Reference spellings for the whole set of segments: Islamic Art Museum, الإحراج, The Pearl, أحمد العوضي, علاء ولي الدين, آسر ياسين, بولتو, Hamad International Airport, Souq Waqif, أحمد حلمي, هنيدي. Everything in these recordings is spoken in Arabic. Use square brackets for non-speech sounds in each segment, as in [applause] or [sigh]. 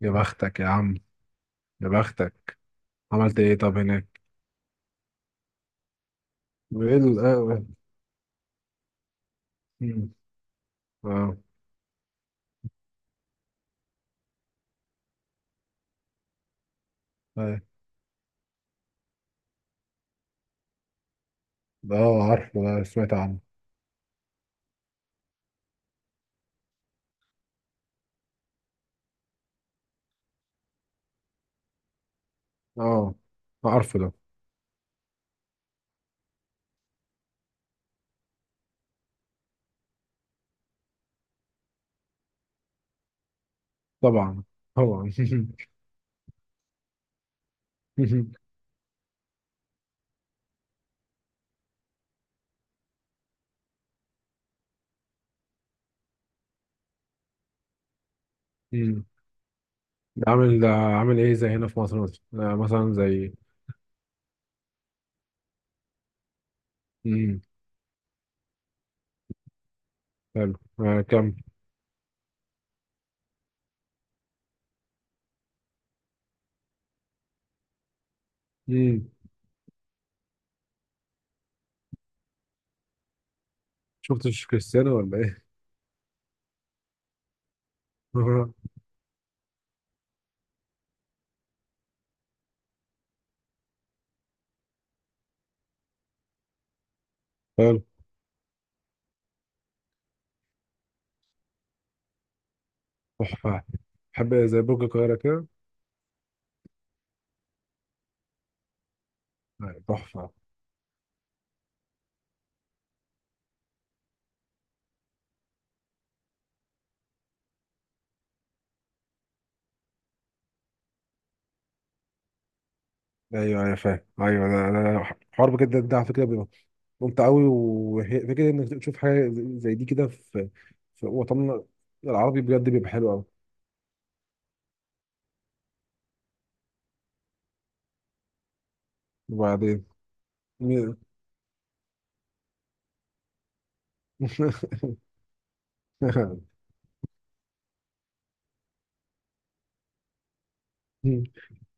يا بختك يا عم. يا بختك. عملت ايه طب هناك؟ ايه ال- آه، مم. اه. آه. ده عارفه، ده سمعت عنه. اه. عارفه ده. طبعا. طبعا. [laughs] مم. ده عامل ده عامل ايه، زي هنا في مصر مثلا، مثلا زي... مم. حلو. كم. مم. شفتش كريستيانو ولا ايه؟ [laughs] حلو. تحفة. بحب زي برج القاهرة كده. تحفة. ايوه، ايوه، فاهم، ايوه، ده حوار بجد، ده على فكرة ممتع قوي. وفكره انك تشوف حاجه زي دي كده في وطننا العربي بجد بيبقى حلو قوي. وبعدين مين- [laughs]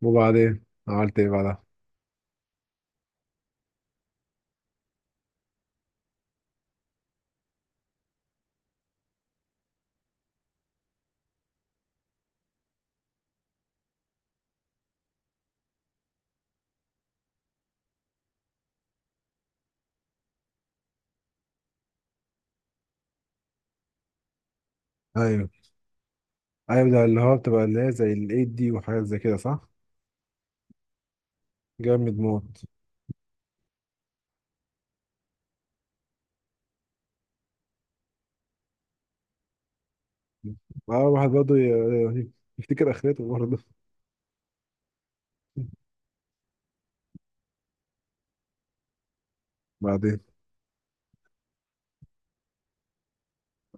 وبعدين عملت ايه بعدها؟ ايوه، ايوه، ده اللي هو بتبقى اللي هي زي الايد دي وحاجات زي كده، صح؟ جامد موت. اه، واحد برضه يفتكر اخرته برضه. بعدين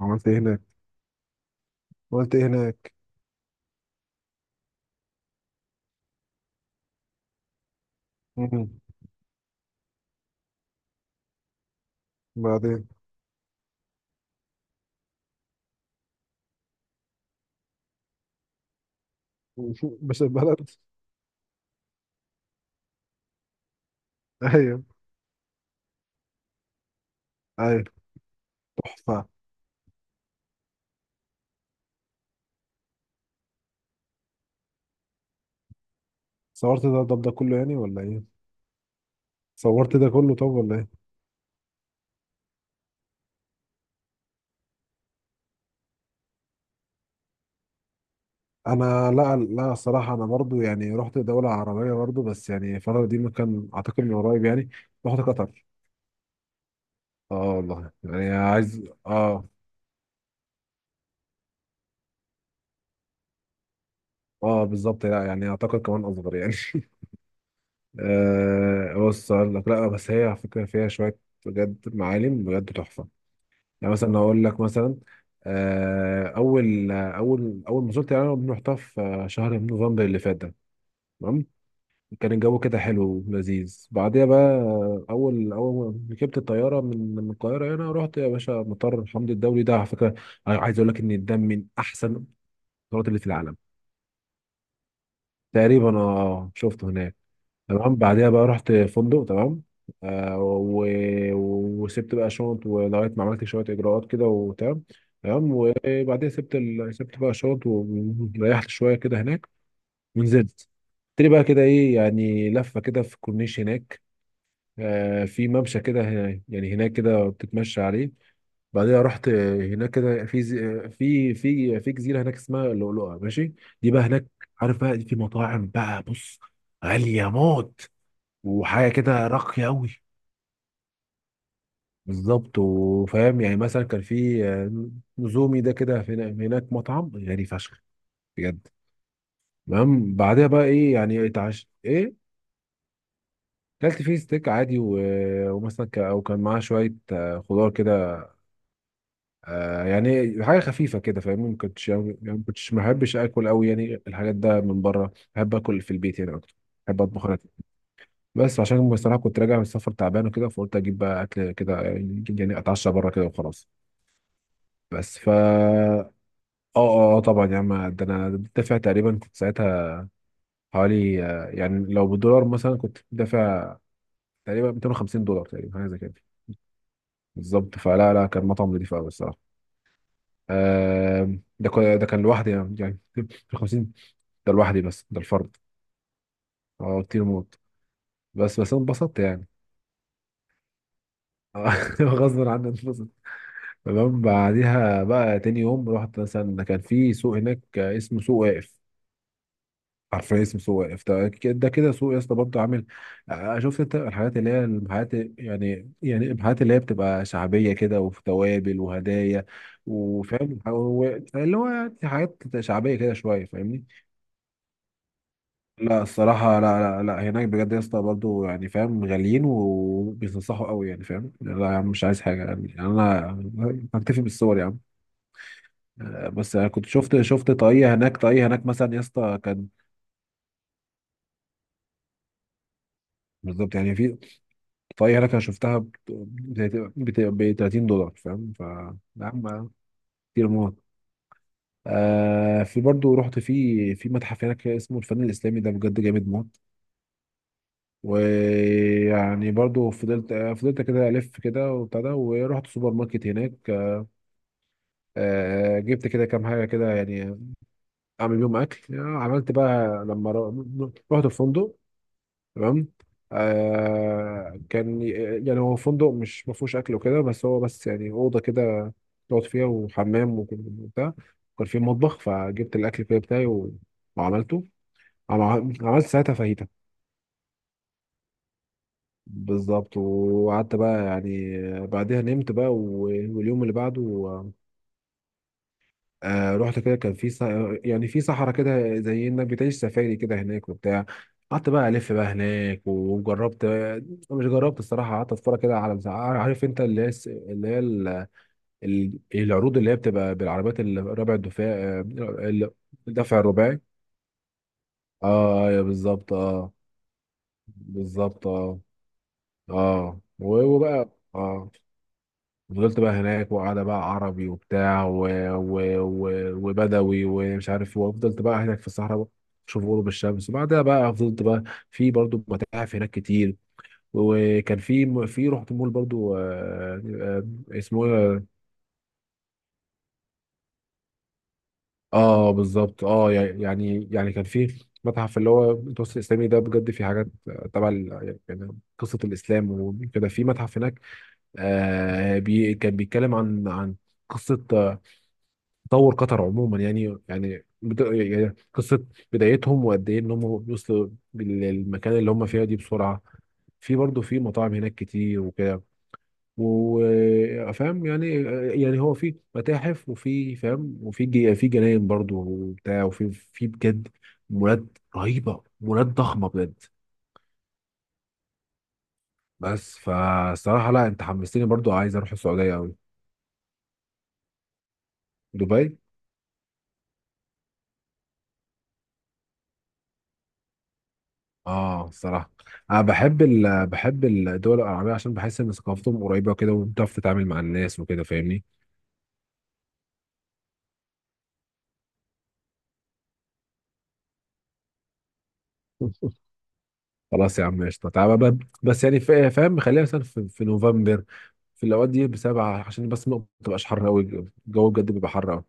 عملت ايه هناك؟ عملت ايه هناك؟ مم. بعدين؟ [laughs] باشا البلد. ايوه. ايوه. تحفه. صورت ده كله يعني ولا ايه؟ صورت ده كله طب ولا ايه؟ انا، لا لا، الصراحه انا برضو يعني رحت دوله عربيه برضو، بس يعني الفتره دي مكان اعتقد من قريب يعني. رحت قطر. اه والله، يعني عايز اه. اه بالظبط، لا يعني اعتقد كمان اصغر يعني. [laughs] آه، بص اقول لك، لا بس هي على فكره فيها شويه بجد معالم بجد تحفه. يعني مثلا اقول لك، مثلا اول ما زرت، يعني أنا رحتها في شهر نوفمبر اللي فات ده. تمام. كان الجو كده حلو ولذيذ. بعديها بقى اول ما ركبت الطياره من القاهره هنا، رحت يا باشا مطار حمدي الدولي، ده على فكره عايز اقول لك ان ده من احسن القطارات اللي في العالم. تقريبا، اه شفته هناك. تمام. بعديها بقى رحت فندق. تمام. آه و... وسبت بقى شنط ولغايه ما عملت شويه اجراءات كده وتمام. تمام وبعديها سبت سبت بقى شنط وريحت شويه كده هناك. ونزلت تري بقى كده، ايه يعني، لفه كده في الكورنيش هناك. في ممشى كده يعني هناك كده بتتمشى عليه. بعدها رحت هناك كده في في في جزيره هناك اسمها اللؤلؤه، ماشي؟ دي بقى هناك عارف بقى، دي في مطاعم، بقى بص، غاليه موت وحاجه كده راقيه قوي. بالظبط. وفاهم يعني، مثلا كان في نزومي، ده كده هناك مطعم غالي فشخ بجد. تمام. بعدها بقى ايه يعني، اتعشت ايه. كلت فيه ستيك عادي ومثلا او كان معاه شويه خضار كده. آه يعني حاجه خفيفه كده، فاهمني؟ ما كنتش يعني ما كنتش ما بحبش اكل قوي يعني الحاجات ده من بره، بحب اكل في البيت يعني اكتر. بحب اطبخ انا. بس عشان بصراحه كنت راجع من السفر تعبان وكده، فقلت اجيب بقى اكل كده يعني، يعني اتعشى بره كده وخلاص. بس فا. اه. اه طبعا يا عم، ده انا دافع تقريبا، كنت ساعتها حوالي يعني لو بالدولار مثلا كنت دافع تقريبا 250 دولار تقريبا، حاجه زي كده. بالظبط. فلا لا، كان مطعم نضيف قوي الصراحه. ده كان لوحدي يعني، يعني [laughs] 50. ده لوحدي بس، ده الفرد. اه كتير موت. بس، بس انا اتبسطت يعني. [laughs] غصبا عني اتبسط. تمام. بعديها بقى تاني يوم رحت، مثلا كان في سوق هناك اسمه سوق واقف. عارفين اسمه سوق واقف، ده ده كده سوق يا اسطى، برضه عامل شفت انت الحاجات اللي هي المحلات، يعني يعني المحلات اللي هي بتبقى شعبيه كده وفي توابل وهدايا وفاهم اللي هو يعني حاجات شعبيه كده شويه، فاهمني؟ لا الصراحة، لا لا لا، هناك بجد يا اسطى برضه يعني فاهم، غاليين وبيتنصحوا قوي يعني فاهم، لا يا عم مش عايز حاجة يعني، يعني أنا هكتفي بالصور يا عم. بس أنا كنت شفت طاقية هناك، طاقية هناك مثلا يا اسطى كان بالظبط يعني، في طاقية هناك أنا شفتها ب 30 دولار، فاهم؟ ف يا عم كتير موت. آه في برضه رحت في في متحف هناك اسمه الفن الإسلامي، ده بجد جامد موت. ويعني برضو فضلت كده الف كده وبتاع ده. ورحت سوبر ماركت هناك، جبت كده كام حاجه كده يعني اعمل بيهم اكل. عملت بقى لما رحت الفندق. تمام. كان يعني هو فندق مش ما فيهوش اكل وكده، بس هو بس يعني اوضه كده تقعد فيها وحمام وكده وبتاع. وكان في مطبخ فجبت الاكل كده بتاعي وعملته. عملت ساعتها فاهيتا. بالظبط وقعدت بقى يعني. بعدها نمت بقى واليوم اللي بعده رحت كده، كان في يعني في صحراء كده زي انك بتعيش سفاري كده هناك وبتاع. قعدت بقى الف بقى هناك وجربت، مش جربت الصراحه، قعدت اتفرج كده على، عارف انت اللي هي اللي هي العروض اللي هي بتبقى بالعربيات الربع الدفاع ال- الدفع الرباعي. اه يا بالظبط اه. بالظبط اه. اه وهو بقى اه. فضلت بقى هناك وقاعدة بقى عربي وبتاع و... وبدوي ومش عارف إيه، وفضلت بقى هناك في الصحراء شوف غروب الشمس. وبعدها بقى فضلت بقى في برضو متاحف هناك كتير. وكان في، في رحت مول برضو اسمه ايه. اه بالظبط اه، يعني يعني كان في متحف اللي هو المتوسط الاسلامي، ده بجد في حاجات تبع يعني قصه الاسلام وكده. في متحف هناك آه بي كان بيتكلم عن قصه تطور قطر عموما، يعني يعني يعني قصه بدايتهم وقد ايه ان هم وصلوا للمكان اللي هم فيها دي بسرعه. في برضه في مطاعم هناك كتير وكده. وفاهم يعني، يعني هو في متاحف وفي فاهم وفي في جناين برضه وبتاع وفي في بجد مولات رهيبه، مولات ضخمه بجد. بس فالصراحه لا، انت حمستني برضه عايز اروح السعوديه قوي. دبي. اه الصراحه انا بحب بحب الدول العربيه عشان بحس ان ثقافتهم قريبه كده وبتعرف تتعامل مع الناس وكده، فاهمني؟ [laughs] خلاص يا عم قشطه، تعالى بقى. بس يعني فاهم خلينا مثلا في نوفمبر، في الاوقات دي بسبعه عشان بس ما تبقاش حر قوي. الجو بجد بيبقى حر قوي.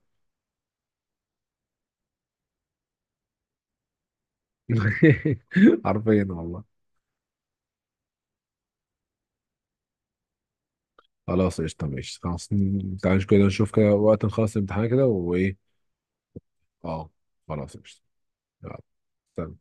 [laughs] حرفيا والله. خلاص قشطه ماشي. خلاص تعالى كده نشوف كده وقت نخلص الامتحان كده وايه. اه. خلاص قشطه. يلا. سلام.